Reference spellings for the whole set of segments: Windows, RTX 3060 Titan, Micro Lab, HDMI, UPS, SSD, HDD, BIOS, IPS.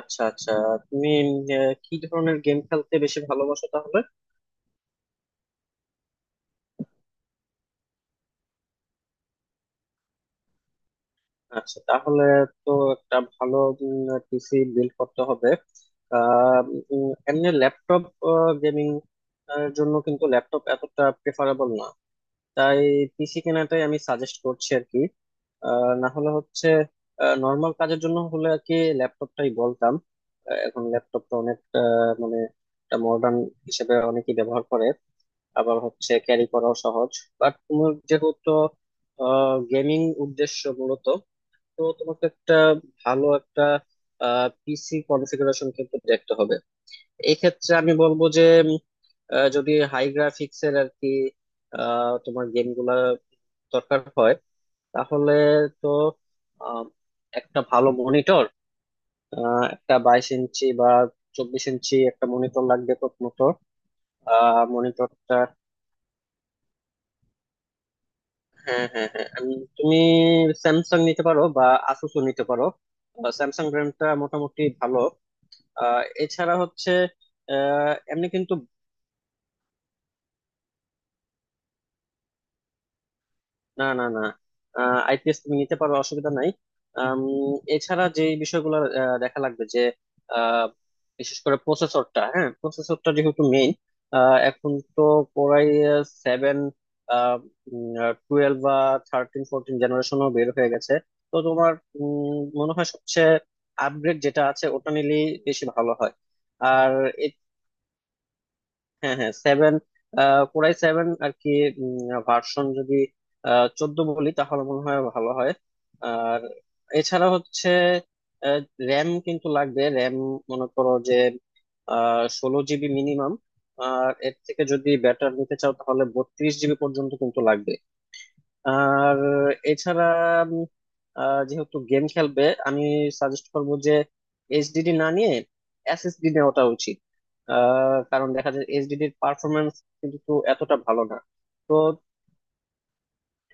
আচ্ছা আচ্ছা। তুমি কি ধরনের গেম খেলতে বেশি ভালোবাসো তাহলে? আচ্ছা, তাহলে তো একটা ভালো পিসি বিল্ড করতে হবে। আহ, এমনি ল্যাপটপ, গেমিং এর জন্য কিন্তু ল্যাপটপ এতটা প্রেফারেবল না, তাই পিসি কেনাটাই আমি সাজেস্ট করছি আর কি। না হলে হচ্ছে নর্মাল কাজের জন্য হলে আর কি ল্যাপটপটাই বলতাম। এখন ল্যাপটপটা অনেক মানে একটা মডার্ন হিসেবে অনেকেই ব্যবহার করে, আবার হচ্ছে ক্যারি করাও সহজ। বাট তোমার যেহেতু গেমিং উদ্দেশ্য মূলত, তো তোমাকে একটা ভালো একটা পিসি কনফিগারেশন কিন্তু দেখতে হবে। এই ক্ষেত্রে আমি বলবো যে উম, যদি হাই গ্রাফিক্স এর আর কি তোমার গেম গুলা দরকার হয়, তাহলে তো আহ, একটা ভালো মনিটর, একটা 22 ইঞ্চি বা 24 ইঞ্চি একটা মনিটর লাগবে প্রথমত। মনিটরটা হ্যাঁ, হ্যাঁ, হ্যাঁ, আমি তুমি স্যামসাং নিতে পারো বা আসুস নিতে পারো। স্যামসাং ব্র্যান্ডটা মোটামুটি ভালো। এছাড়া হচ্ছে এমনি কিন্তু না, না, না, আইপিএস তুমি নিতে পারো, অসুবিধা নাই। আম, এছাড়া যে বিষয়গুলো দেখা লাগবে যে আহ, বিশেষ করে প্রসেসরটা, হ্যাঁ প্রসেসরটা যেহেতু মেইন। এখন তো Core i7 12 বা 13 14 জেনারেশনও বের হয়ে গেছে। তো তোমার মনে হয় সবচেয়ে আপগ্রেড যেটা আছে ওটা নিলেই বেশি ভালো হয়। আর হ্যাঁ, হ্যাঁ, 7, Core i7 আর কি ভার্সন যদি 14 বলি তাহলে মনে হয় ভালো হয়। আর এছাড়া হচ্ছে র্যাম কিন্তু লাগবে, র্যাম মনে করো যে 16 জিবি মিনিমাম, আর এর থেকে যদি ব্যাটার নিতে চাও তাহলে 32 জিবি পর্যন্ত কিন্তু লাগবে। আর এছাড়া উম, যেহেতু গেম খেলবে, আমি সাজেস্ট করবো যে এইচডিডি না নিয়ে এসএসডি নেওয়াটা উচিত। কারণ দেখা যায় এইচডিডি এর পারফরমেন্স কিন্তু এতটা ভালো না। তো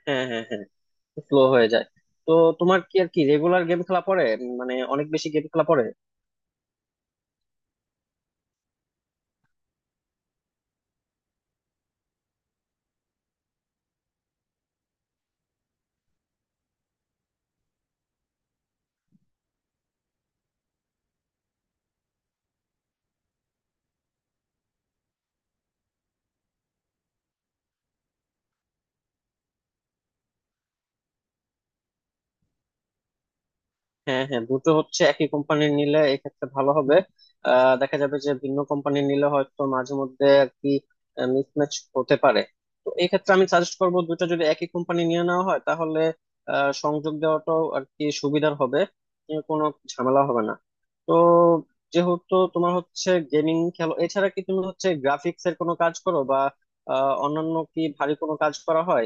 হ্যাঁ, হ্যাঁ, হ্যাঁ, স্লো হয়ে যায়। তো তোমার কি আর কি রেগুলার গেম খেলা পড়ে? মানে অনেক বেশি গেম খেলা পড়ে? হ্যাঁ, হ্যাঁ, দুটো হচ্ছে একই কোম্পানির নিলে এক্ষেত্রে ভালো হবে। দেখা যাবে যে ভিন্ন কোম্পানির নিলে হয়তো মাঝে মধ্যে আর কি মিসম্যাচ হতে পারে। তো এই ক্ষেত্রে আমি সাজেস্ট করব, দুটো যদি একই কোম্পানি নিয়ে নেওয়া হয় তাহলে সংযোগ দেওয়াটাও আর কি সুবিধার হবে, কোনো ঝামেলা হবে না। তো যেহেতু তোমার হচ্ছে গেমিং খেলো, এছাড়া কি তুমি হচ্ছে গ্রাফিক্স এর কোনো কাজ করো বা অন্যান্য কি ভারী কোনো কাজ করা হয়?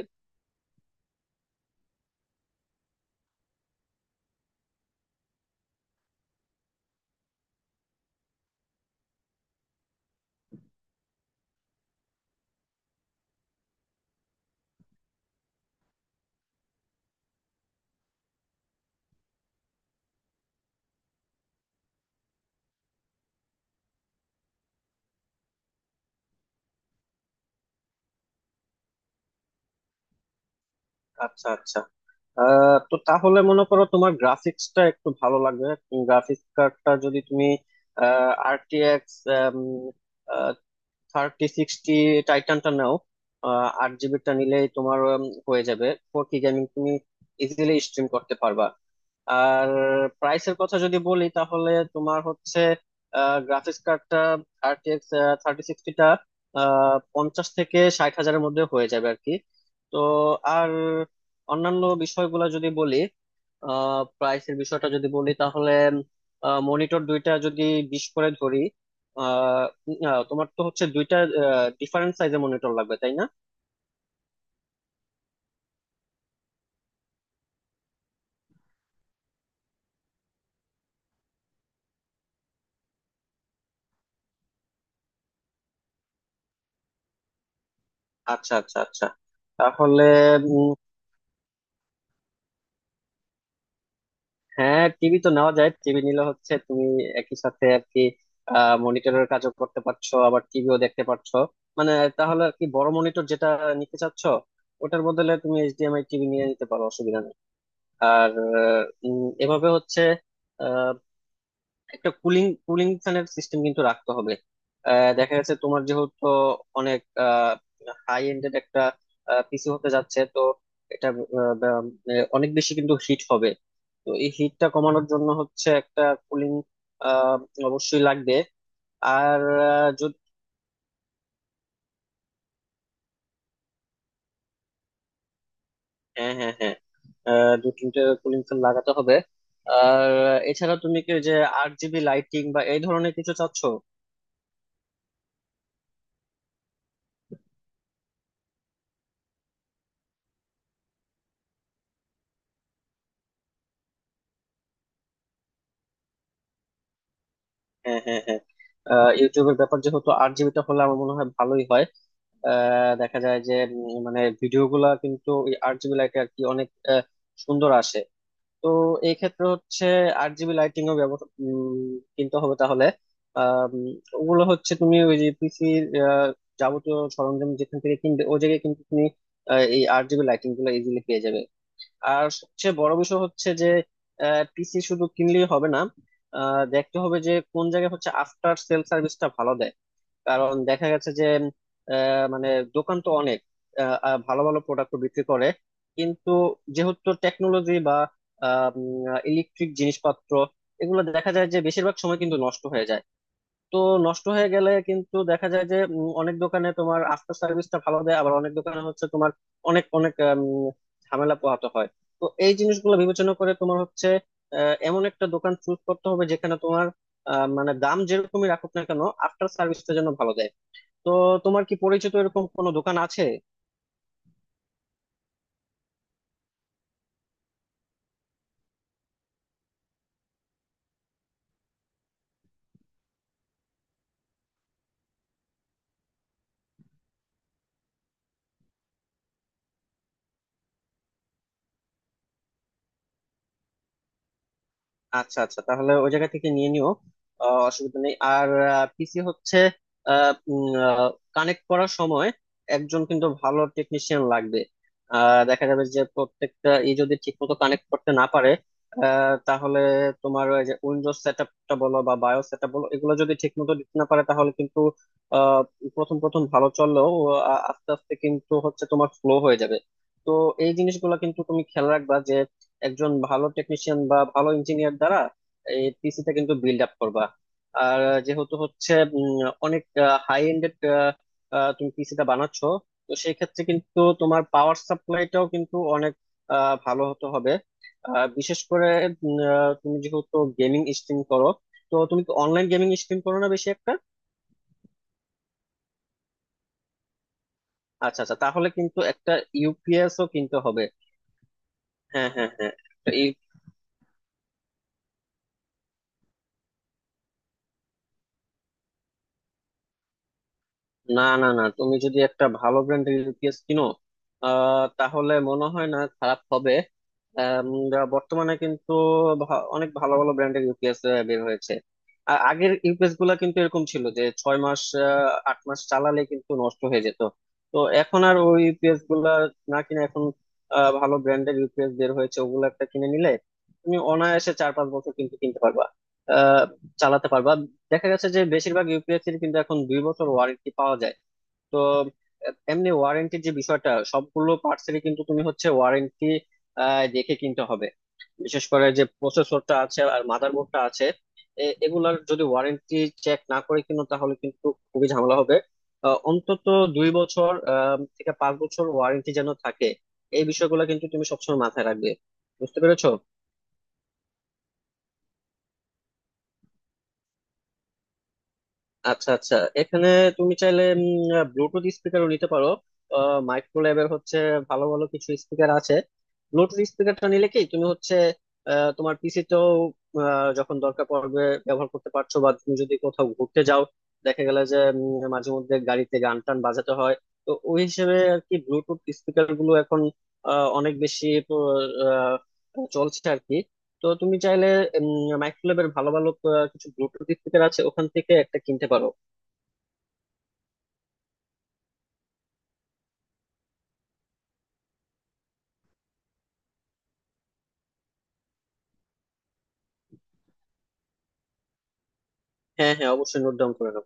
আচ্ছা আচ্ছা। আহ, তো তাহলে মনে করো তোমার গ্রাফিক্সটা একটু ভালো লাগবে। গ্রাফিক্স কার্ডটা যদি তুমি RTX 3060 টাইটানটা নাও, 8 জিবিটা নিলেই তোমার হয়ে যাবে, 4K গেমিং তুমি ইজিলি স্ট্রিম করতে পারবা। আর প্রাইসের কথা যদি বলি তাহলে তোমার হচ্ছে গ্রাফিক্স কার্ডটা, 30x 3060টা 50 থেকে 60 হাজারের মধ্যে হয়ে যাবে আর কি। তো আর অন্যান্য বিষয়গুলো যদি বলি, প্রাইসের বিষয়টা যদি বলি তাহলে মনিটর দুইটা যদি 20 করে ধরি, আহ আহ, তোমার তো হচ্ছে দুইটা ডিফারেন্ট সাইজের মনিটর লাগবে তাই না? আচ্ছা, আচ্ছা, আচ্ছা, তাহলে উম, হ্যাঁ টিভি তো নেওয়া যায়। টিভি নিলে হচ্ছে তুমি একই সাথে আর কি মনিটরের কাজও করতে পারছো আবার টিভিও দেখতে পারছো। মানে তাহলে আর কি বড় মনিটর যেটা নিতে চাচ্ছ ওটার বদলে তুমি এইচডিএমআই টিভি নিয়ে নিতে পারো, অসুবিধা নেই। আর এভাবে হচ্ছে একটা কুলিং কুলিং ফ্যানের সিস্টেম কিন্তু রাখতে হবে। দেখা যাচ্ছে তোমার যেহেতু অনেক হাই এন্ডেড একটা পিসি হতে যাচ্ছে তো, এটা আহ, বা- অনেক বেশি কিন্তু হিট হবে। তো এই হিটটা কমানোর জন্য হচ্ছে একটা কুলিং অবশ্যই লাগবে। আর যদি হ্যাঁ, হ্যাঁ, হ্যাঁ, দু তিনটে কুলিং ফ্যান লাগাতে হবে। আর এছাড়া তুমি কি ওই যে 8 জিবি লাইটিং বা এই ধরনের কিছু চাচ্ছ? হ্যাঁ, হ্যাঁ, হ্যাঁ, ইউটিউবের ব্যাপার যেহেতু 8 জিবিটা হলে আমার মনে হয় ভালোই হয়। দেখা যায় যে মানে ভিডিও গুলা কিন্তু ওই 8 জিবি লাইটে আর কি অনেক সুন্দর আসে। তো এই ক্ষেত্রে হচ্ছে 8 জিবি লাইটিং ও ব্যবহার কিনতে হবে তাহলে। আহ, উম, ওগুলো হচ্ছে তুমি ওই যে পিসি যাবতীয় সরঞ্জাম যেখান থেকে কিনবে ওই জায়গায় কিন্তু তুমি এই 8 জিবি লাইটিং গুলো ইজিলি পেয়ে যাবে। আর সবচেয়ে বড় বিষয় হচ্ছে যে পিসি শুধু কিনলেই হবে না, দেখতে হবে যে কোন জায়গায় হচ্ছে আফটার সেল সার্ভিসটা ভালো দেয়। কারণ দেখা গেছে যে মানে দোকান তো অনেক আহ, আহ, ভালো ভালো প্রোডাক্ট বিক্রি করে, কিন্তু যেহেতু টেকনোলজি বা ইলেকট্রিক জিনিসপত্র এগুলো দেখা যায় যে বেশিরভাগ সময় কিন্তু নষ্ট হয়ে যায়। তো নষ্ট হয়ে গেলে কিন্তু দেখা যায় যে অনেক দোকানে তোমার আফটার সার্ভিসটা ভালো দেয়, আবার অনেক দোকানে হচ্ছে তোমার অনেক অনেক ঝামেলা পোহাতে হয়। তো এই জিনিসগুলো বিবেচনা করে তোমার হচ্ছে এমন একটা দোকান চুজ করতে হবে যেখানে তোমার মানে দাম যেরকমই রাখুক না কেন আফটার সার্ভিসটা যেন ভালো দেয়। তো তোমার কি পরিচিত এরকম কোনো দোকান আছে? আচ্ছা আচ্ছা, তাহলে ওই জায়গা থেকে নিয়ে নিও, অসুবিধা নেই। আর পিসি হচ্ছে কানেক্ট করার সময় একজন কিন্তু ভালো টেকনিশিয়ান লাগবে। দেখা যাবে যে প্রত্যেকটা ই যদি ঠিক মতো কানেক্ট করতে না পারে তাহলে তোমার ওই যে উইন্ডোজ সেট আপটা বলো বা বায়োস সেট আপ বলো, এগুলো যদি ঠিক মতো দিতে না পারে তাহলে কিন্তু আহ, প্রথম প্রথম ভালো চললেও আস্তে আস্তে কিন্তু হচ্ছে তোমার স্লো হয়ে যাবে। তো এই জিনিসগুলো কিন্তু তুমি খেয়াল রাখবা, একজন ভালো টেকনিশিয়ান বা ভালো ইঞ্জিনিয়ার দ্বারা এই পিসিটা কিন্তু বিল্ড আপ করবা। আর যেহেতু হচ্ছে অনেক হাই এন্ডেড তুমি পিসিটা বানাচ্ছো, তো সেই ক্ষেত্রে কিন্তু তোমার পাওয়ার সাপ্লাইটাও কিন্তু অনেক ভালো হতে হবে। বিশেষ করে তুমি যেহেতু গেমিং স্ট্রিম করো, তো তুমি কি অনলাইন গেমিং স্ট্রিম করো না বেশি একটা? আচ্ছা আচ্ছা, তাহলে কিন্তু একটা ইউপিএস ও কিনতে হবে। হ্যাঁ, হ্যাঁ, হ্যাঁ, না, না, না, তুমি যদি একটা ভালো ব্র্যান্ডের ইউপিএস কিনো তাহলে মনে হয় না খারাপ হবে। আম, যা বর্তমানে কিন্তু অনেক ভালো ভালো ব্র্যান্ডের ইউপিএস বের হয়েছে। আগের ইউপিএস গুলা কিন্তু এরকম ছিল যে 6 মাস 8 মাস চালালে কিন্তু নষ্ট হয়ে যেত। তো এখন আর ওই ইউপিএস গুলা না কিনে, এখন ভালো ব্র্যান্ডের ইউপিএস বের হয়েছে, ওগুলো একটা কিনে নিলে তুমি অনায়াসে 4-5 বছর কিন্তু কিনতে পারবা, আহ, চালাতে পারবা। দেখা গেছে যে বেশিরভাগ ইউপিএসসির কিন্তু এখন 2 বছর ওয়ারেন্টি পাওয়া যায়। তো এমনি ওয়ারেন্টির যে বিষয়টা, সবগুলো পার্টসেরই কিন্তু তুমি হচ্ছে ওয়ারেন্টি দেখে কিনতে হবে। বিশেষ করে যে প্রসেসরটা আছে আর মাদারবোর্ডটা আছে, এগুলার যদি ওয়ারেন্টি চেক না করে কিনো তাহলে কিন্তু খুবই ঝামেলা হবে। অন্তত 2 বছর থেকে 5 বছর ওয়ারেন্টি যেন থাকে। এই বিষয়গুলো কিন্তু তুমি সবসময় মাথায় রাখবে। বুঝতে পেরেছো? আচ্ছা আচ্ছা, এখানে তুমি চাইলে ব্লুটুথ স্পিকারও নিতে পারো। মাইক্রো ল্যাবের হচ্ছে ভালো ভালো কিছু স্পিকার আছে। ব্লুটুথ স্পিকারটা নিলে কি তুমি হচ্ছে তোমার পিসিতেও যখন দরকার পড়বে ব্যবহার করতে পারছো, বা তুমি যদি কোথাও ঘুরতে যাও, দেখা গেল যে মাঝে মধ্যে গাড়িতে গান টান বাজাতে হয়, তো ওই হিসেবে আর কি ব্লুটুথ স্পিকার গুলো এখন অনেক বেশি চলছে আর কি। তো তুমি চাইলে মাইক্রোল্যাবের ভালো ভালো কিছু ব্লুটুথ স্পিকার আছে, ওখান থেকে একটা কিনতে পারো। হ্যাঁ, হ্যাঁ, অবশ্যই নোট ডাউন করে নাও।